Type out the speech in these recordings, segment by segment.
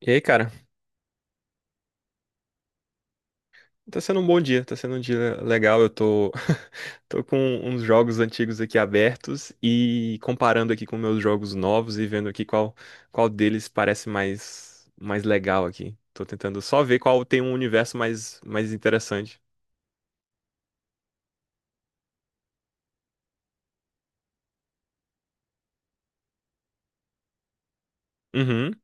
E aí, cara? Tá sendo um bom dia, tá sendo um dia legal. Eu tô, tô com uns jogos antigos aqui abertos e comparando aqui com meus jogos novos e vendo aqui qual, qual deles parece mais, mais legal aqui. Tô tentando só ver qual tem um universo mais, mais interessante. Uhum,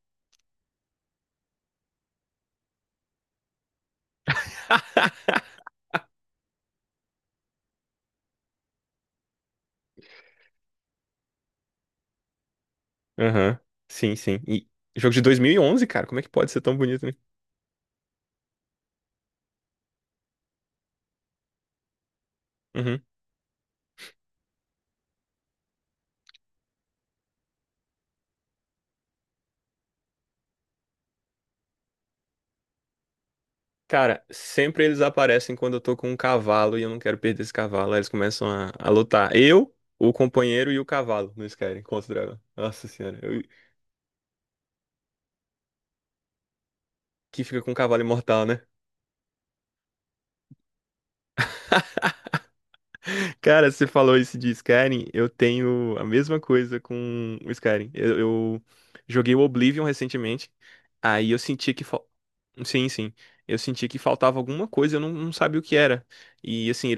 aham. Sim, sim. E jogo de 2011, cara, como é que pode ser tão bonito, né? Uhum. Cara, sempre eles aparecem quando eu tô com um cavalo e eu não quero perder esse cavalo. Aí eles começam a lutar. Eu, o companheiro e o cavalo no Skyrim contra o dragão. Nossa senhora, eu- que fica com um cavalo imortal, né? Cara, você falou isso de Skyrim, eu tenho a mesma coisa com o Skyrim. Eu joguei o Oblivion recentemente, aí eu senti que fal... Sim, sim. Eu senti que faltava alguma coisa, eu não, não sabia o que era. E assim,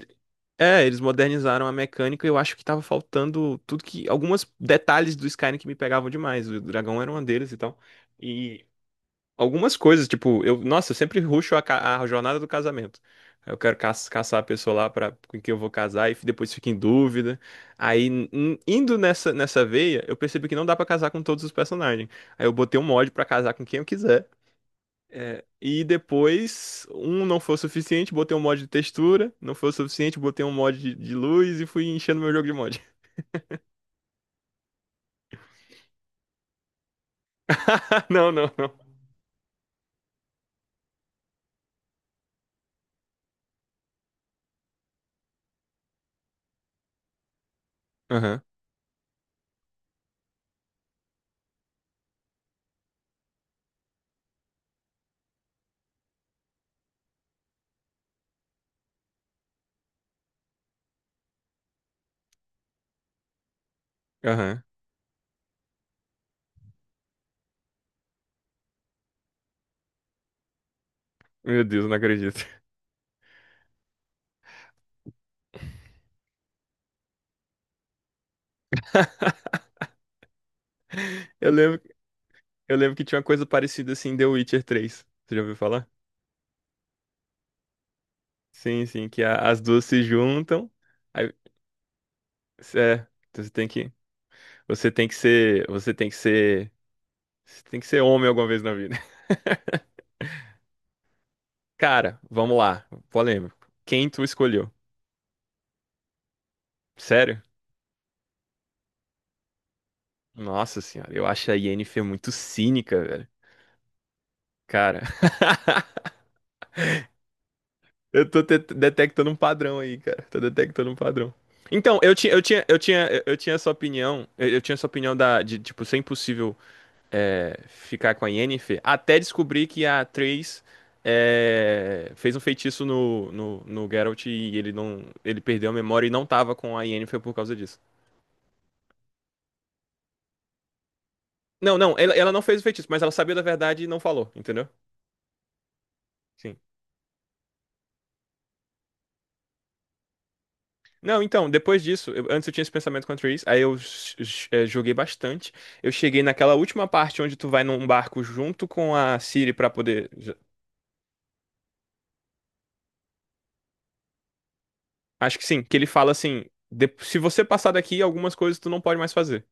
é, eles modernizaram a mecânica e eu acho que tava faltando tudo que. Alguns detalhes do Skyrim que me pegavam demais. O dragão era uma deles e tal. E algumas coisas, tipo, eu, nossa, eu sempre rusho a, ca- a jornada do casamento. Eu quero ca- caçar a pessoa lá pra, com quem eu vou casar e depois fico em dúvida. Aí, n- indo nessa, nessa veia, eu percebi que não dá pra casar com todos os personagens. Aí eu botei um mod pra casar com quem eu quiser. É, e depois, um não foi o suficiente, botei um mod de textura, não foi o suficiente, botei um mod de luz e fui enchendo meu jogo de mod. Não, não, não. Aham, aham. Meu Deus, não acredito. Eu lembro, eu lembro que tinha uma coisa parecida assim em The Witcher três. Você já ouviu falar? Sim, sim, que a- as duas se juntam. Aí, é, então você tem que ser, você tem que ser, você tem que ser homem alguma vez na vida. Cara, vamos lá, polêmico. Quem tu escolheu? Sério? Nossa senhora, eu acho a Yennefer muito cínica, velho. Cara, eu tô te- detectando um padrão aí, cara. Tô detectando um padrão. Então, eu tinha essa opinião, eu tinha essa opinião da, de, tipo, ser impossível é, ficar com a Yennefer, até descobrir que a Triss é, fez um feitiço no Geralt e ele não, ele perdeu a memória e não tava com a Yennefer por causa disso. Não, não, ela não fez o feitiço, mas ela sabia da verdade e não falou, entendeu? Sim. Não, então, depois disso, eu- antes eu tinha esse pensamento contra o Reese, aí eu j- j- joguei bastante. Eu cheguei naquela última parte onde tu vai num barco junto com a Ciri pra poder. J- Acho que sim, que ele fala assim: "De- se você passar daqui, algumas coisas tu não pode mais fazer.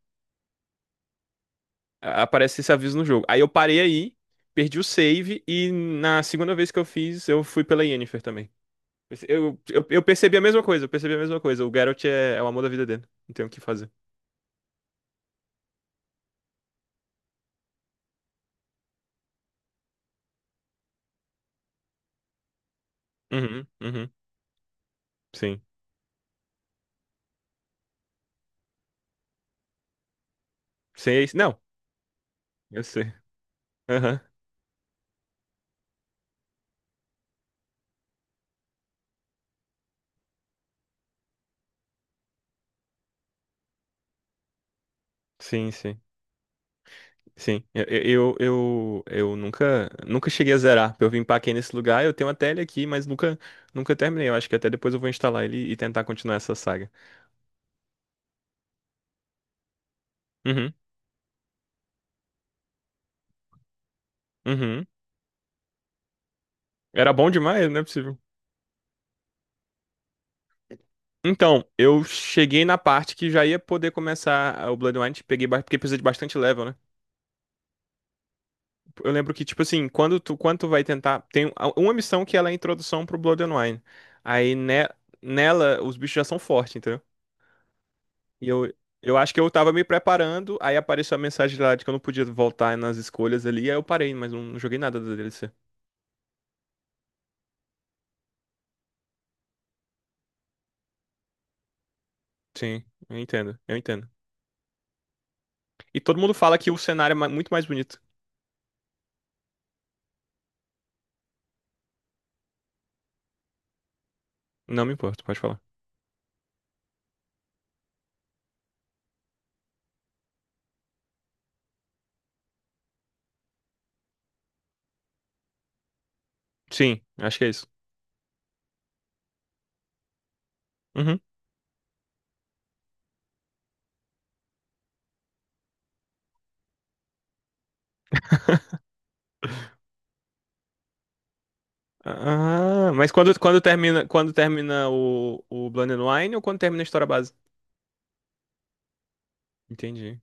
A- Aparece esse aviso no jogo. Aí eu parei aí, perdi o save, e na segunda vez que eu fiz, eu fui pela Yennefer também. Eu percebi a mesma coisa, eu percebi a mesma coisa. O Geralt é, é o amor da vida dele. Não tem o que fazer. Uhum, uhum, sim. Sei, não, eu sei. Sim, sim. Sim, eu nunca, nunca cheguei a zerar. Eu vim empaquei nesse lugar, eu tenho até ele aqui, mas nunca, nunca terminei. Eu acho que até depois eu vou instalar ele e tentar continuar essa saga. Uhum, uhum. Era bom demais, não é possível. Então, eu cheguei na parte que já ia poder começar a- o Bloodwind, peguei, ba- porque precisa de bastante level, né? Eu lembro que, tipo assim, quando tu vai tentar. Tem a- uma missão que ela é a introdução pro Bloodwine. Aí ne- nela, os bichos já são fortes, entendeu? E eu acho que eu tava me preparando, aí apareceu a mensagem lá de que eu não podia voltar nas escolhas ali, aí eu parei, mas não joguei nada da DLC. Sim, eu entendo, eu entendo. E todo mundo fala que o cenário é ma- muito mais bonito. Não me importo, pode falar. Sim, acho que é isso. Uhum. Ah, mas quando, quando termina o Blood and Wine ou quando termina a história base? Entendi,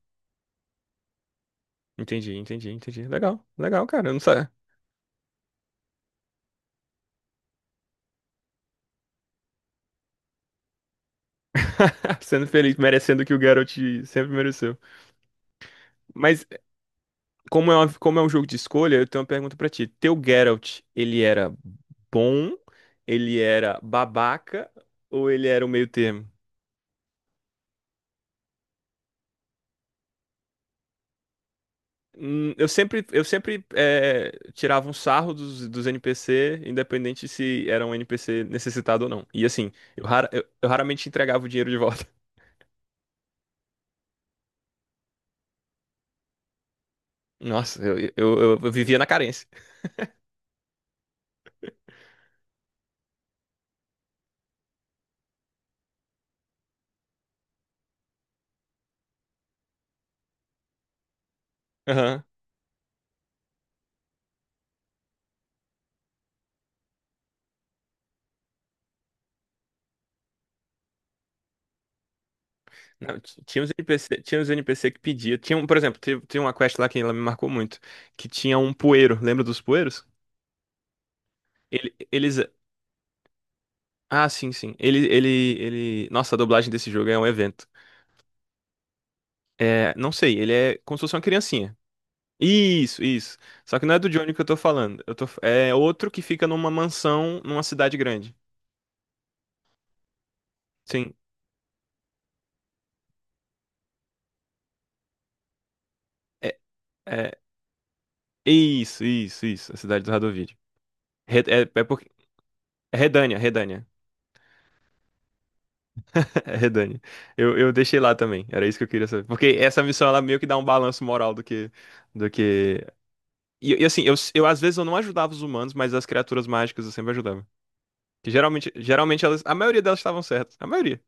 entendi, entendi, entendi. Legal, legal, cara. Eu não sabia. Sendo feliz, merecendo o que o Geralt sempre mereceu. Mas como é, uma- como é um jogo de escolha, eu tenho uma pergunta pra ti. Teu Geralt, ele era bom, ele era babaca ou ele era o meio termo? Eu sempre tirava um sarro dos, dos NPC, independente se era um NPC necessitado ou não. E assim, eu, rara- eu raramente entregava o dinheiro de volta. Nossa, eu- eu vivia na carência. Aham. Não, ti- tinha uns NPC, tinha uns NPC que pedia. Tinha, um- por exemplo, teve- tinha uma quest lá que ela me marcou muito, que tinha um poeiro. Lembra dos poeiros? Ele- eles. Ah, sim, sim. Ele, ele, ele. Nossa, a dublagem desse jogo é um evento. É, não sei, ele é como se fosse uma criancinha. Isso, isso. Só que não é do Johnny que eu tô falando. Eu tô... É outro que fica numa mansão numa cidade grande. Sim. É, é... Isso, isso, isso. A cidade do Radovid. Re- é, é porque. É Redânia, Redânia. É Redânia. Eu deixei lá também. Era isso que eu queria saber. Porque essa missão, ela meio que dá um balanço moral do que e assim, eu às vezes eu não ajudava os humanos, mas as criaturas mágicas eu sempre ajudava. Que geralmente, geralmente elas, a maioria delas estavam certas. A maioria.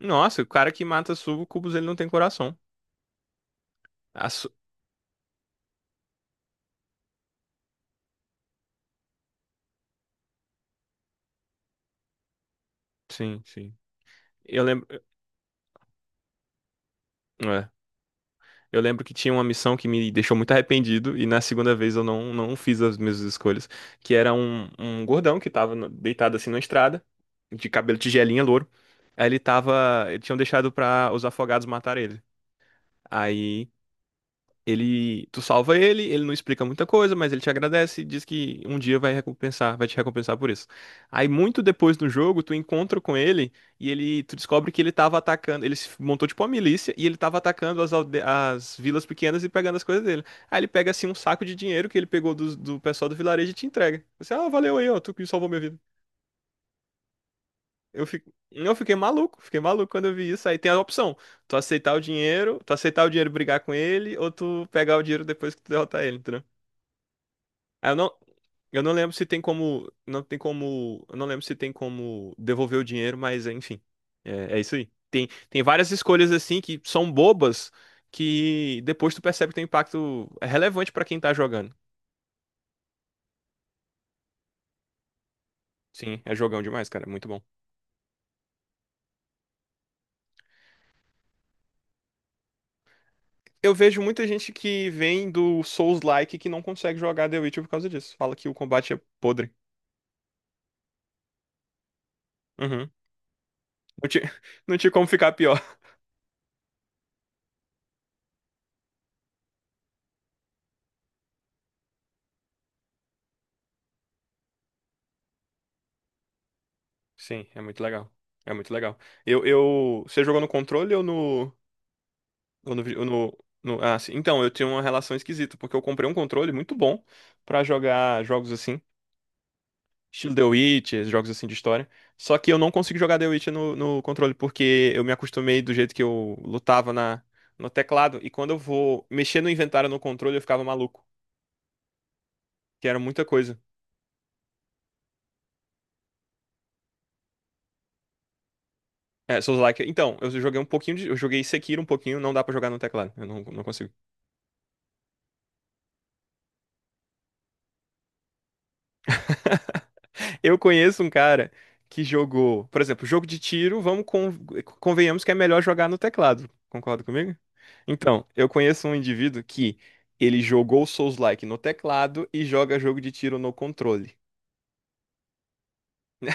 Nossa, o cara que mata sucubus, ele não tem coração. A su- sim, sim. Eu lembro, é. Eu lembro que tinha uma missão que me deixou muito arrependido e na segunda vez eu não, não fiz as mesmas escolhas, que era um, um gordão que tava no- deitado assim na estrada, de cabelo tigelinha louro. Aí ele tava, eles tinham deixado pra os afogados matar ele. Aí ele, tu salva ele, ele não explica muita coisa, mas ele te agradece e diz que um dia vai recompensar, vai te recompensar por isso. Aí muito depois no jogo, tu encontra com ele e ele, tu descobre que ele tava atacando, ele se montou tipo uma milícia e ele tava atacando as, alde- as vilas pequenas e pegando as coisas dele. Aí ele pega assim um saco de dinheiro que ele pegou do, do pessoal do vilarejo e te entrega. Você, ah, valeu aí, ó, tu que salvou minha vida. Eu fico, eu fiquei maluco quando eu vi isso. Aí tem a opção, tu aceitar o dinheiro, tu aceitar o dinheiro e brigar com ele, ou tu pegar o dinheiro depois que tu derrotar ele, entendeu? Ah, eu não, eu não lembro se tem como, não tem como, eu não lembro se tem como devolver o dinheiro, mas enfim, é, é isso aí. Tem, tem várias escolhas assim que são bobas que depois tu percebe que tem impacto é relevante pra quem tá jogando. Sim, é jogão demais, cara, é muito bom. Eu vejo muita gente que vem do Souls-like que não consegue jogar The Witcher por causa disso. Fala que o combate é podre. Uhum. Não tinha, não tinha como ficar pior. Sim, é muito legal. É muito legal. Eu, você jogou no controle ou no ou no, vi- ou no- no- ah, sim. Então, eu tenho uma relação esquisita, porque eu comprei um controle muito bom pra jogar jogos assim, estilo The Witcher, jogos assim de história. Só que eu não consigo jogar The Witcher no controle, porque eu me acostumei do jeito que eu lutava na, no teclado, e quando eu vou mexer no inventário no controle, eu ficava maluco, que era muita coisa. É, Souls-like. Então, eu joguei um pouquinho de, eu joguei Sekiro um pouquinho, não dá pra jogar no teclado, eu não, não consigo. Eu conheço um cara que jogou, por exemplo, jogo de tiro, vamos con- convenhamos que é melhor jogar no teclado. Concorda comigo? Então, eu conheço um indivíduo que ele jogou Souls-like no teclado e joga jogo de tiro no controle.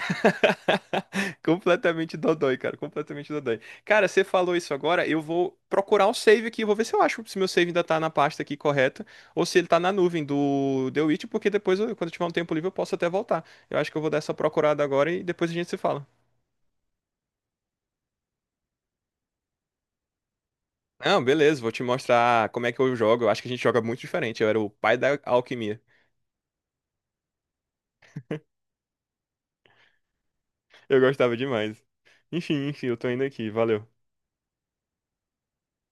Completamente dodói. Cara, você falou isso agora, eu vou procurar um save aqui, eu vou ver se eu acho se meu save ainda tá na pasta aqui correta ou se ele tá na nuvem do The Witch, porque depois, eu- quando eu tiver um tempo livre, eu posso até voltar. Eu acho que eu vou dar essa procurada agora e depois a gente se fala. Não, beleza, vou te mostrar como é que eu jogo. Eu acho que a gente joga muito diferente. Eu era o pai da alquimia. Eu gostava demais. Enfim, enfim, eu tô indo aqui. Valeu.